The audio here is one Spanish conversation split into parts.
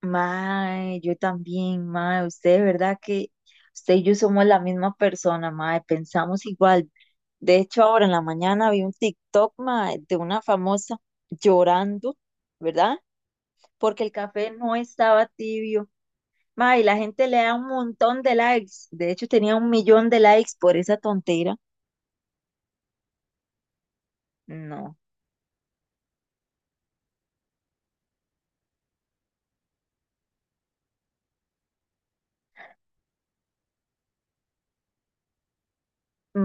Mae, yo también, mae, usted, ¿de verdad que usted y yo somos la misma persona, mae? Pensamos igual. De hecho, ahora en la mañana vi un TikTok, mae, de una famosa llorando, ¿verdad? Porque el café no estaba tibio. Mae, y la gente le da un montón de likes. De hecho, tenía 1.000.000 de likes por esa tontera. No,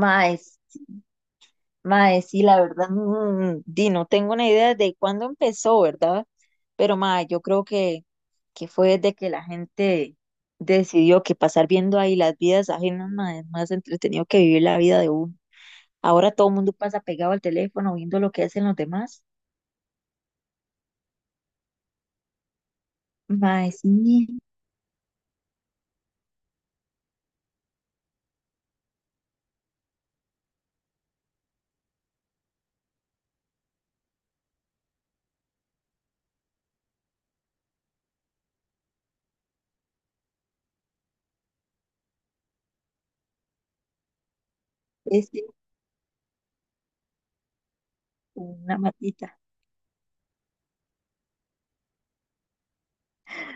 mae, Mae, sí, la verdad, di, no tengo una idea de cuándo empezó, ¿verdad? Pero mae, yo creo que fue desde que la gente decidió que pasar viendo ahí las vidas ajenas, mae, es más entretenido que vivir la vida de uno. Ahora todo el mundo pasa pegado al teléfono viendo lo que hacen los demás. Mae, sí, es cierto, una matita.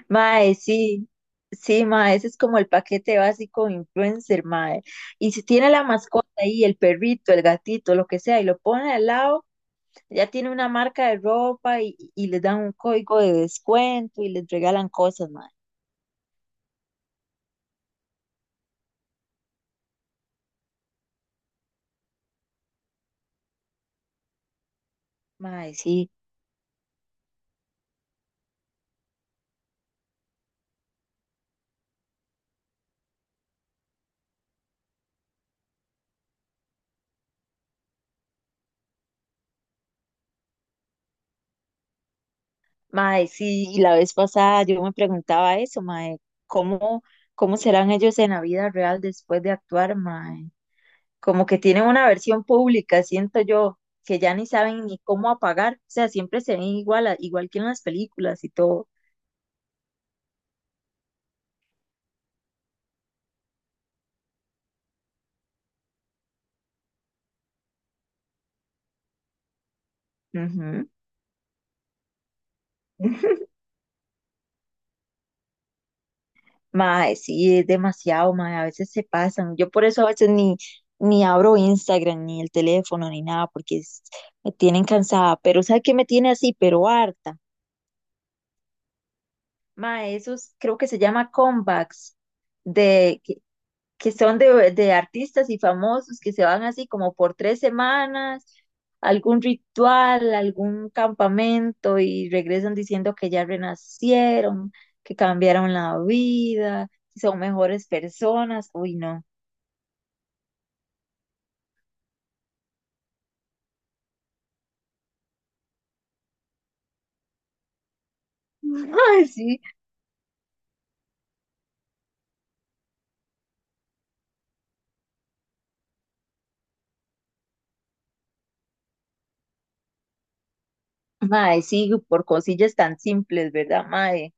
Mae, sí, sí, mae, ese es como el paquete básico de influencer, mae. Y si tiene la mascota ahí, el perrito, el gatito, lo que sea, y lo pone al lado. Ya tiene una marca de ropa y les dan un código de descuento y les regalan cosas, mae. Mae, sí, mae, sí. Y la vez pasada yo me preguntaba eso, mae, ¿cómo, ¿cómo serán ellos en la vida real después de actuar, mae? Como que tienen una versión pública, siento yo, que ya ni saben ni cómo apagar. O sea, siempre se ven igual, igual que en las películas y todo. Ujú. Mae, sí, es demasiado, mae, a veces se pasan. Yo por eso a veces ni abro Instagram, ni el teléfono, ni nada, porque me tienen cansada. Pero ¿sabe qué me tiene así? Pero harta. Mae, esos creo que se llama comebacks, de, que, que son de artistas y famosos que se van así como por 3 semanas, algún ritual, algún campamento y regresan diciendo que ya renacieron, que cambiaron la vida, que son mejores personas. Uy, no. Mae, sí. Mae, sí, por cosillas tan simples, ¿verdad, mae?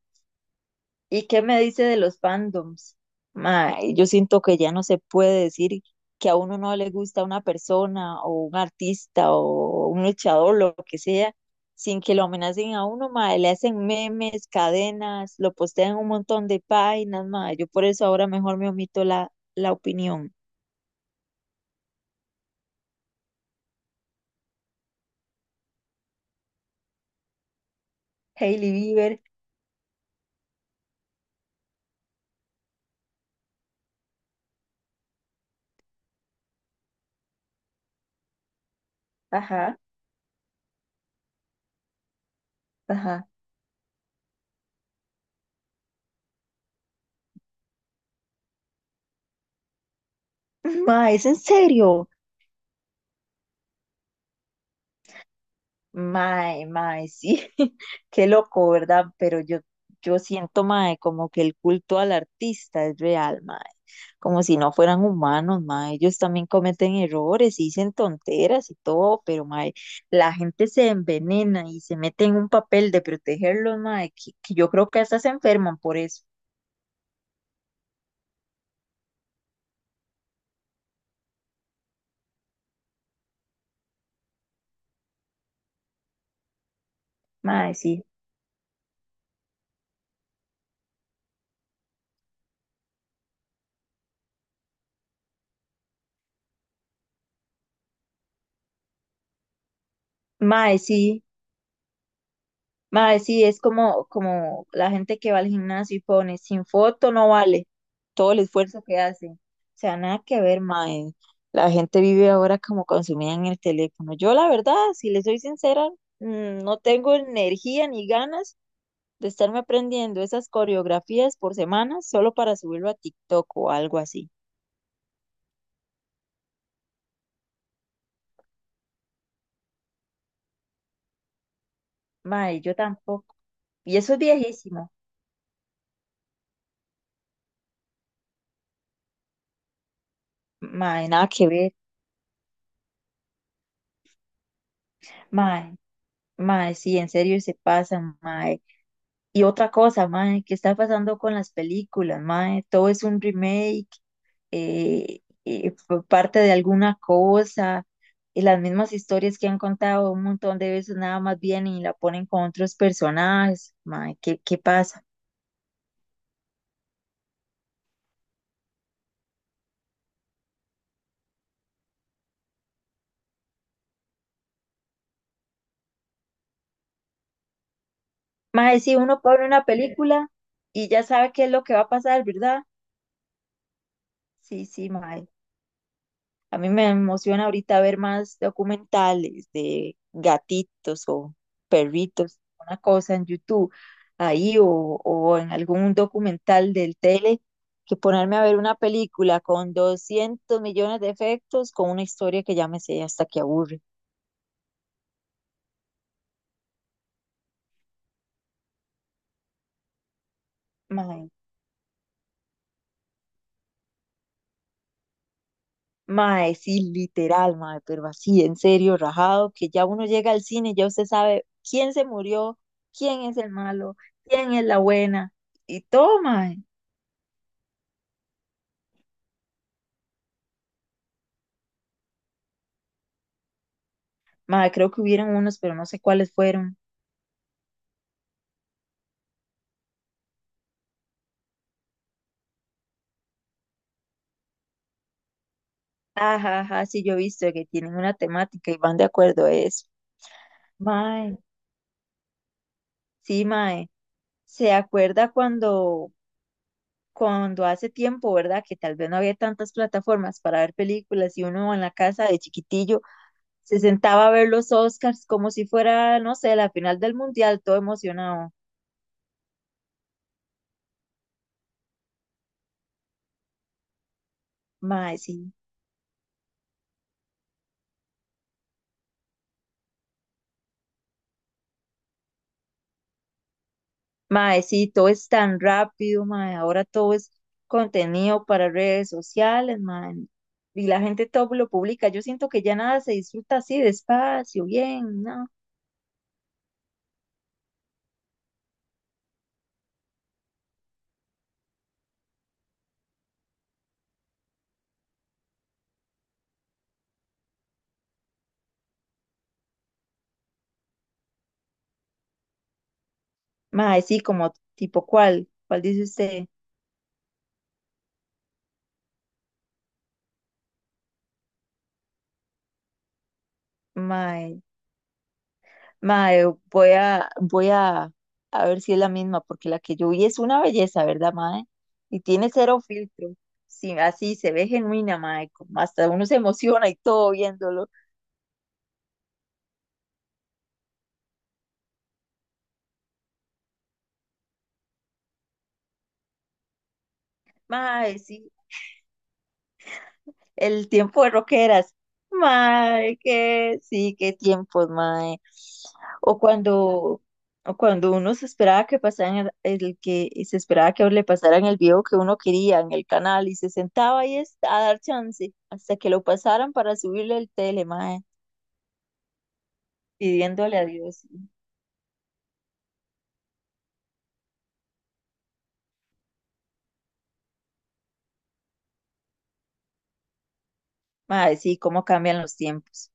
¿Y qué me dice de los fandoms? Mae, yo siento que ya no se puede decir que a uno no le gusta una persona o un artista o un luchador, lo que sea, sin que lo amenacen a uno, mae, le hacen memes, cadenas, lo postean en un montón de páginas, mae. Yo por eso ahora mejor me omito la opinión. Hailey Bieber, ajá, ajá. Mae, ¿es en serio? Mae, sí, qué loco, ¿verdad? Pero yo siento, mae, como que el culto al artista es real, mae, como si no fueran humanos, mae, ellos también cometen errores y dicen tonteras y todo, pero, mae, la gente se envenena y se mete en un papel de protegerlos, mae, que yo creo que hasta se enferman por eso, mae, sí, mae, sí. Mae, sí, es como, como la gente que va al gimnasio y pone sin foto no vale todo el esfuerzo que hace. O sea, nada que ver, mae. La gente vive ahora como consumida en el teléfono. Yo, la verdad, si le soy sincera, no tengo energía ni ganas de estarme aprendiendo esas coreografías por semana solo para subirlo a TikTok o algo así. Mae, yo tampoco. Y eso es viejísimo. Mae, nada que ver. Mae, mae, sí, en serio se pasan, mae. Y otra cosa, mae, ¿qué está pasando con las películas, mae? Todo es un remake, fue parte de alguna cosa, y las mismas historias que han contado un montón de veces nada más vienen y la ponen con otros personajes, mae, ¿qué pasa? Mae, si uno pone una película y ya sabe qué es lo que va a pasar, ¿verdad? Sí, sí, mae. A mí me emociona ahorita ver más documentales de gatitos o perritos, una cosa en YouTube ahí o en algún documental del tele, que ponerme a ver una película con 200 millones de efectos con una historia que ya me sé hasta que aburre. Mae, mae, sí, literal, mae, pero así, en serio, rajado, que ya uno llega al cine y ya usted sabe quién se murió, quién es el malo, quién es la buena y todo, mae. Mae, creo que hubieron unos, pero no sé cuáles fueron. Ajá, ajá, sí, yo he visto que tienen una temática y van de acuerdo a eso. Mae, sí, mae. ¿Se acuerda cuando hace tiempo, verdad? Que tal vez no había tantas plataformas para ver películas y uno en la casa de chiquitillo se sentaba a ver los Oscars como si fuera, no sé, la final del mundial, todo emocionado. Mae, sí. Mae, sí, todo es tan rápido, mae. Ahora todo es contenido para redes sociales, mae. Y la gente todo lo publica. Yo siento que ya nada se disfruta así, despacio, bien, ¿no? Mae, sí, como tipo cuál dice usted, mae. Mae, voy a, voy a, a ver si es la misma, porque la que yo vi es una belleza, ¿verdad, mae? Y tiene cero filtro. Sí, así se ve genuina, mae. Como hasta uno se emociona y todo viéndolo. Mae, sí. El tiempo de roqueras. Mae, que sí, qué tiempos, mae. O cuando, o cuando uno se esperaba que pasaran el que se esperaba que le pasaran el video que uno quería en el canal y se sentaba ahí a dar chance hasta que lo pasaran para subirle el tele, mae, pidiéndole a Dios. Mae, sí, cómo cambian los tiempos.